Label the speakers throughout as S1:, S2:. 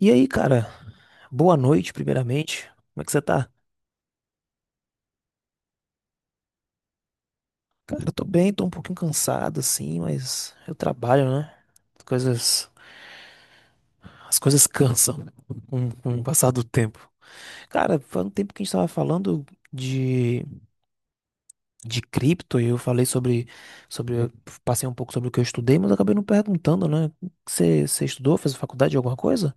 S1: E aí, cara, boa noite, primeiramente. Como é que você tá? Cara, eu tô bem, tô um pouquinho cansado, assim, mas eu trabalho, né? As coisas, as coisas cansam com o passar do tempo. Cara, faz um tempo que a gente tava falando de, de cripto e eu falei sobre, sobre, eu passei um pouco sobre o que eu estudei, mas eu acabei não perguntando, né? Você estudou, fez faculdade de alguma coisa?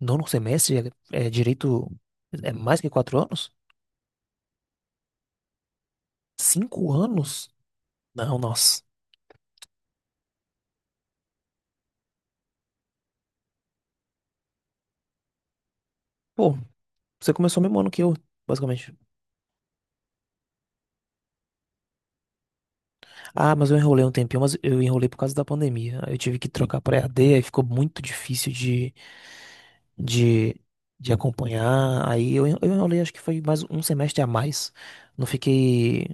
S1: Nono semestre é direito, é mais que quatro anos? Cinco anos? Não, nossa. Pô, você começou o mesmo ano que eu, basicamente. Ah, mas eu enrolei um tempinho, mas eu enrolei por causa da pandemia. Aí eu tive que trocar pra EAD, aí ficou muito difícil de, de acompanhar. Aí eu enrolei, acho que foi mais um semestre a mais. Não fiquei.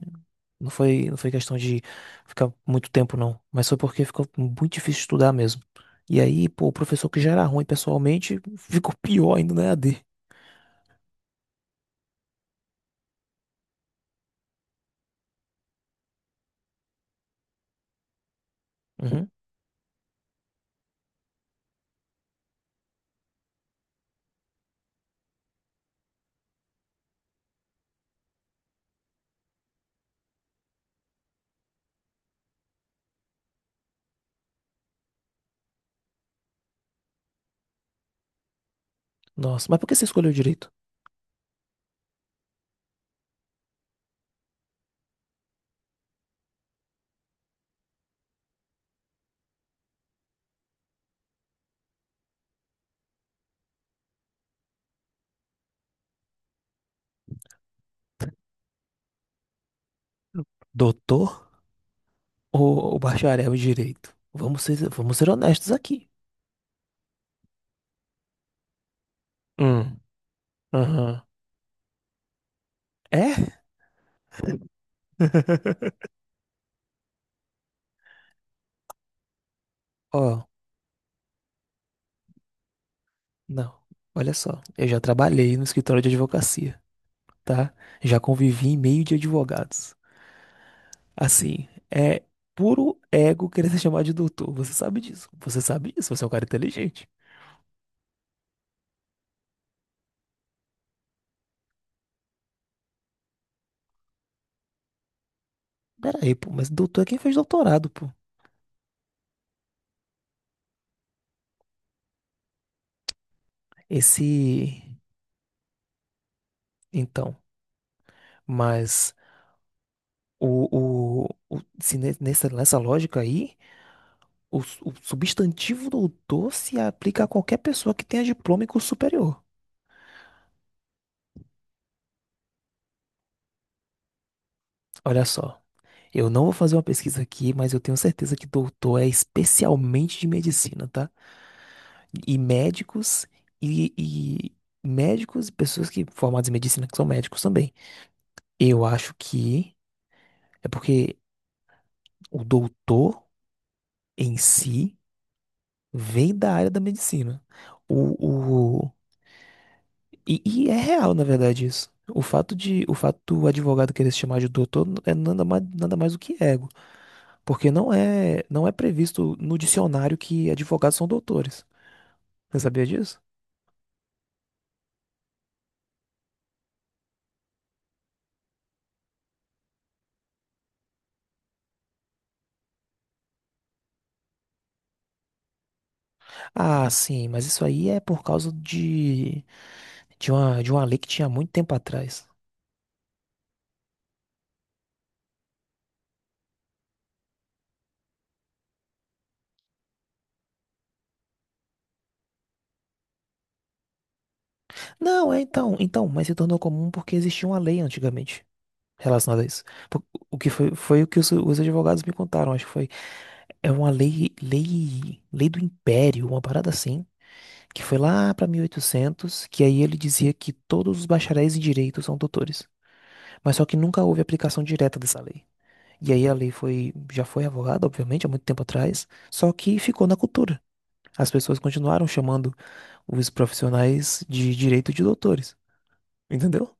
S1: Não foi questão de ficar muito tempo, não. Mas foi porque ficou muito difícil estudar mesmo. E aí, pô, o professor que já era ruim pessoalmente ficou pior ainda na EAD. Uhum. Nossa, mas por que você escolheu direito? Doutor ou bacharel em direito? Vamos ser honestos aqui. Hum. Aham. É? Ó, não. Olha só, eu já trabalhei no escritório de advocacia, tá? Já convivi em meio de advogados. Assim, é puro ego querer se chamar de doutor. Você sabe disso. Você sabe disso. Você é um cara inteligente. Pera aí, pô, mas doutor é quem fez doutorado, pô. Esse. Então, mas o- se ne- nessa, nessa lógica aí, o substantivo doutor se aplica a qualquer pessoa que tenha diploma em curso superior. Olha só, eu não vou fazer uma pesquisa aqui, mas eu tenho certeza que doutor é especialmente de medicina, tá? E médicos e médicos e pessoas que formadas em medicina que são médicos também. Eu acho que é porque o doutor em si vem da área da medicina. O, o, e é real, na verdade, isso. O fato do advogado querer se chamar de doutor é nada mais, nada mais do que ego, porque não é previsto no dicionário que advogados são doutores. Você sabia disso? Ah, sim, mas isso aí é por causa de de uma lei que tinha muito tempo atrás. Não, é então, então, mas se tornou comum porque existia uma lei antigamente relacionada a isso. Por- o que foi, foi o que os advogados me contaram, acho que foi. É uma lei do Império, uma parada assim, que foi lá pra 1800, que aí ele dizia que todos os bacharéis em direito são doutores. Mas só que nunca houve aplicação direta dessa lei. E aí a lei foi, já foi revogada, obviamente, há muito tempo atrás, só que ficou na cultura. As pessoas continuaram chamando os profissionais de direito de doutores, entendeu?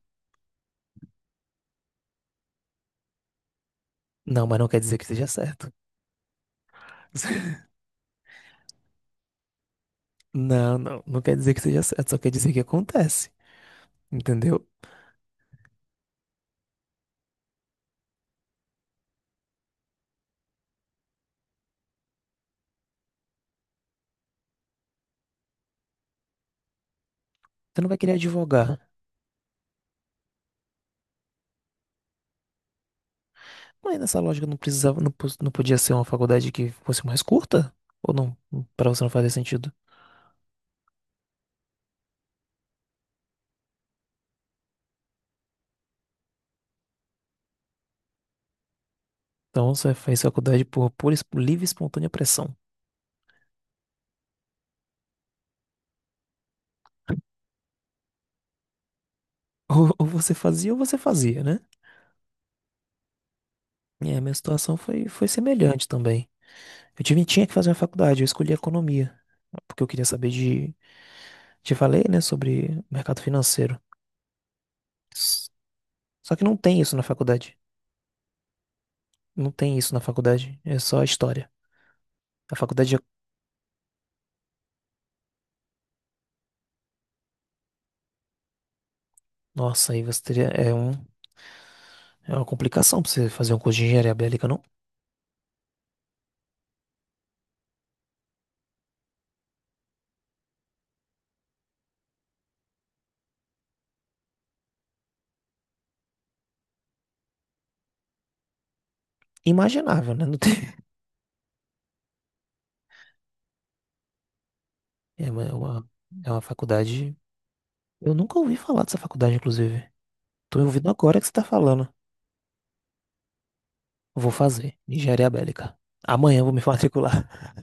S1: Não, mas não quer dizer que seja certo. Não, não, não quer dizer que seja certo, só quer dizer que acontece, entendeu? Você não vai querer advogar. Mas nessa lógica não precisava, não, pos- não podia ser uma faculdade que fosse mais curta? Ou não? Pra você não fazer sentido. Então você fez faculdade por pura, e espo- livre e espontânea pressão. Ou você fazia ou você fazia, né? E a minha situação foi semelhante também. Eu tive, tinha que fazer uma faculdade, eu escolhi economia, porque eu queria saber de, te falei, né, sobre mercado financeiro. S- só que não tem isso na faculdade. Não tem isso na faculdade, é só história. A faculdade, é- nossa, aí você teria, é um, é uma complicação pra você fazer um curso de engenharia bélica, não imaginável, né? Não tem, é uma, é uma, é uma faculdade, eu nunca ouvi falar dessa faculdade, inclusive. Tô ouvindo agora que você tá falando. Vou fazer engenharia bélica. Amanhã eu vou me matricular.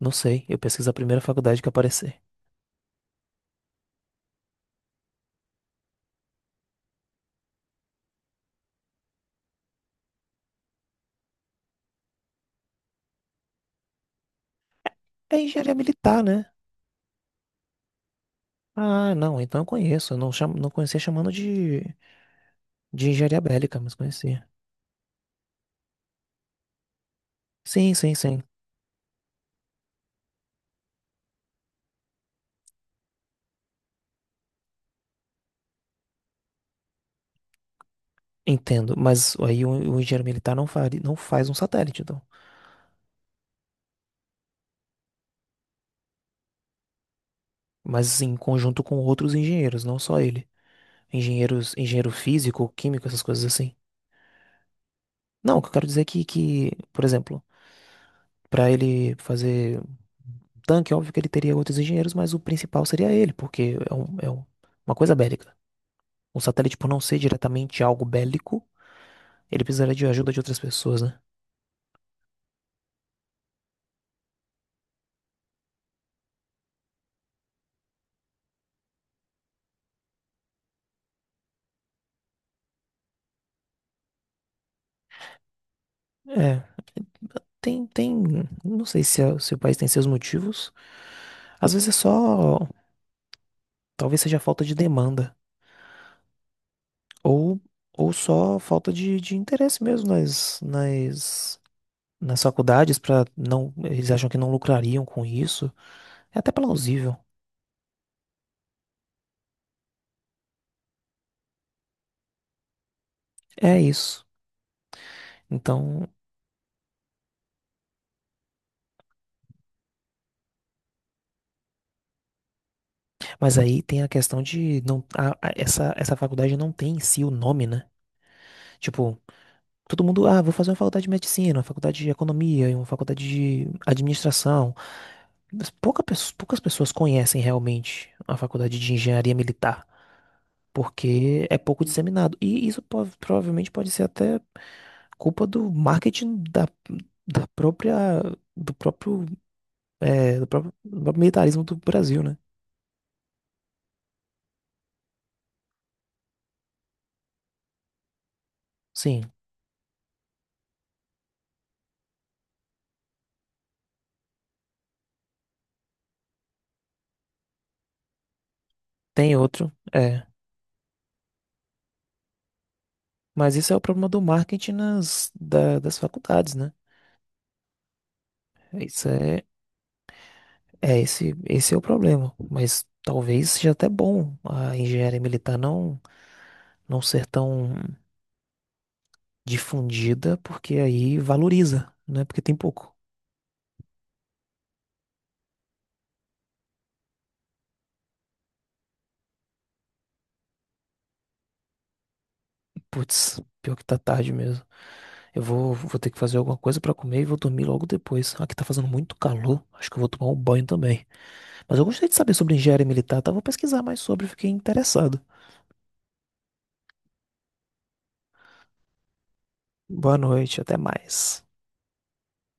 S1: Não sei, eu pesquiso a primeira faculdade que aparecer. É engenharia militar, né? Ah, não, então eu conheço. Eu não, chamo, não conhecia chamando de engenharia bélica, mas conhecia. Sim, sim, sim. Entendo. Mas aí o engenheiro militar não faria, não faz um satélite, então. Mas em conjunto com outros engenheiros, não só ele. Engenheiros, engenheiro físico, químico, essas coisas assim. Não, o que eu quero dizer é que, por exemplo, para ele fazer um tanque, óbvio que ele teria outros engenheiros, mas o principal seria ele, porque é, é uma coisa bélica. O satélite, por não ser diretamente algo bélico, ele precisaria de ajuda de outras pessoas, né? É, tem, não sei se, é- se o país tem seus motivos. Às vezes é só, talvez seja falta de demanda ou, ou só falta de interesse mesmo nas faculdades para não, eles acham que não lucrariam com isso. É até plausível. É isso. Então, mas aí tem a questão de não, essa faculdade não tem em si o nome, né? Tipo, todo mundo, ah, vou fazer uma faculdade de medicina, uma faculdade de economia, uma faculdade de administração. Mas pouca, pes- poucas pessoas conhecem realmente a faculdade de engenharia militar, porque é pouco disseminado. E isso po- provavelmente pode ser até culpa do marketing da própria, do próprio, do próprio militarismo do Brasil, né? Sim, tem outro. É, mas isso é o problema do marketing nas, da- das faculdades, né? Isso é, é esse, esse é o problema. Mas talvez seja até bom a engenharia militar não, não ser tão difundida, porque aí valoriza, né? Porque tem pouco. Putz, pior que tá tarde mesmo. Eu vou ter que fazer alguma coisa pra comer e vou dormir logo depois. Aqui tá fazendo muito calor. Acho que eu vou tomar um banho também. Mas eu gostaria de saber sobre engenharia militar, tá? Vou pesquisar mais sobre, fiquei interessado. Boa noite, até mais.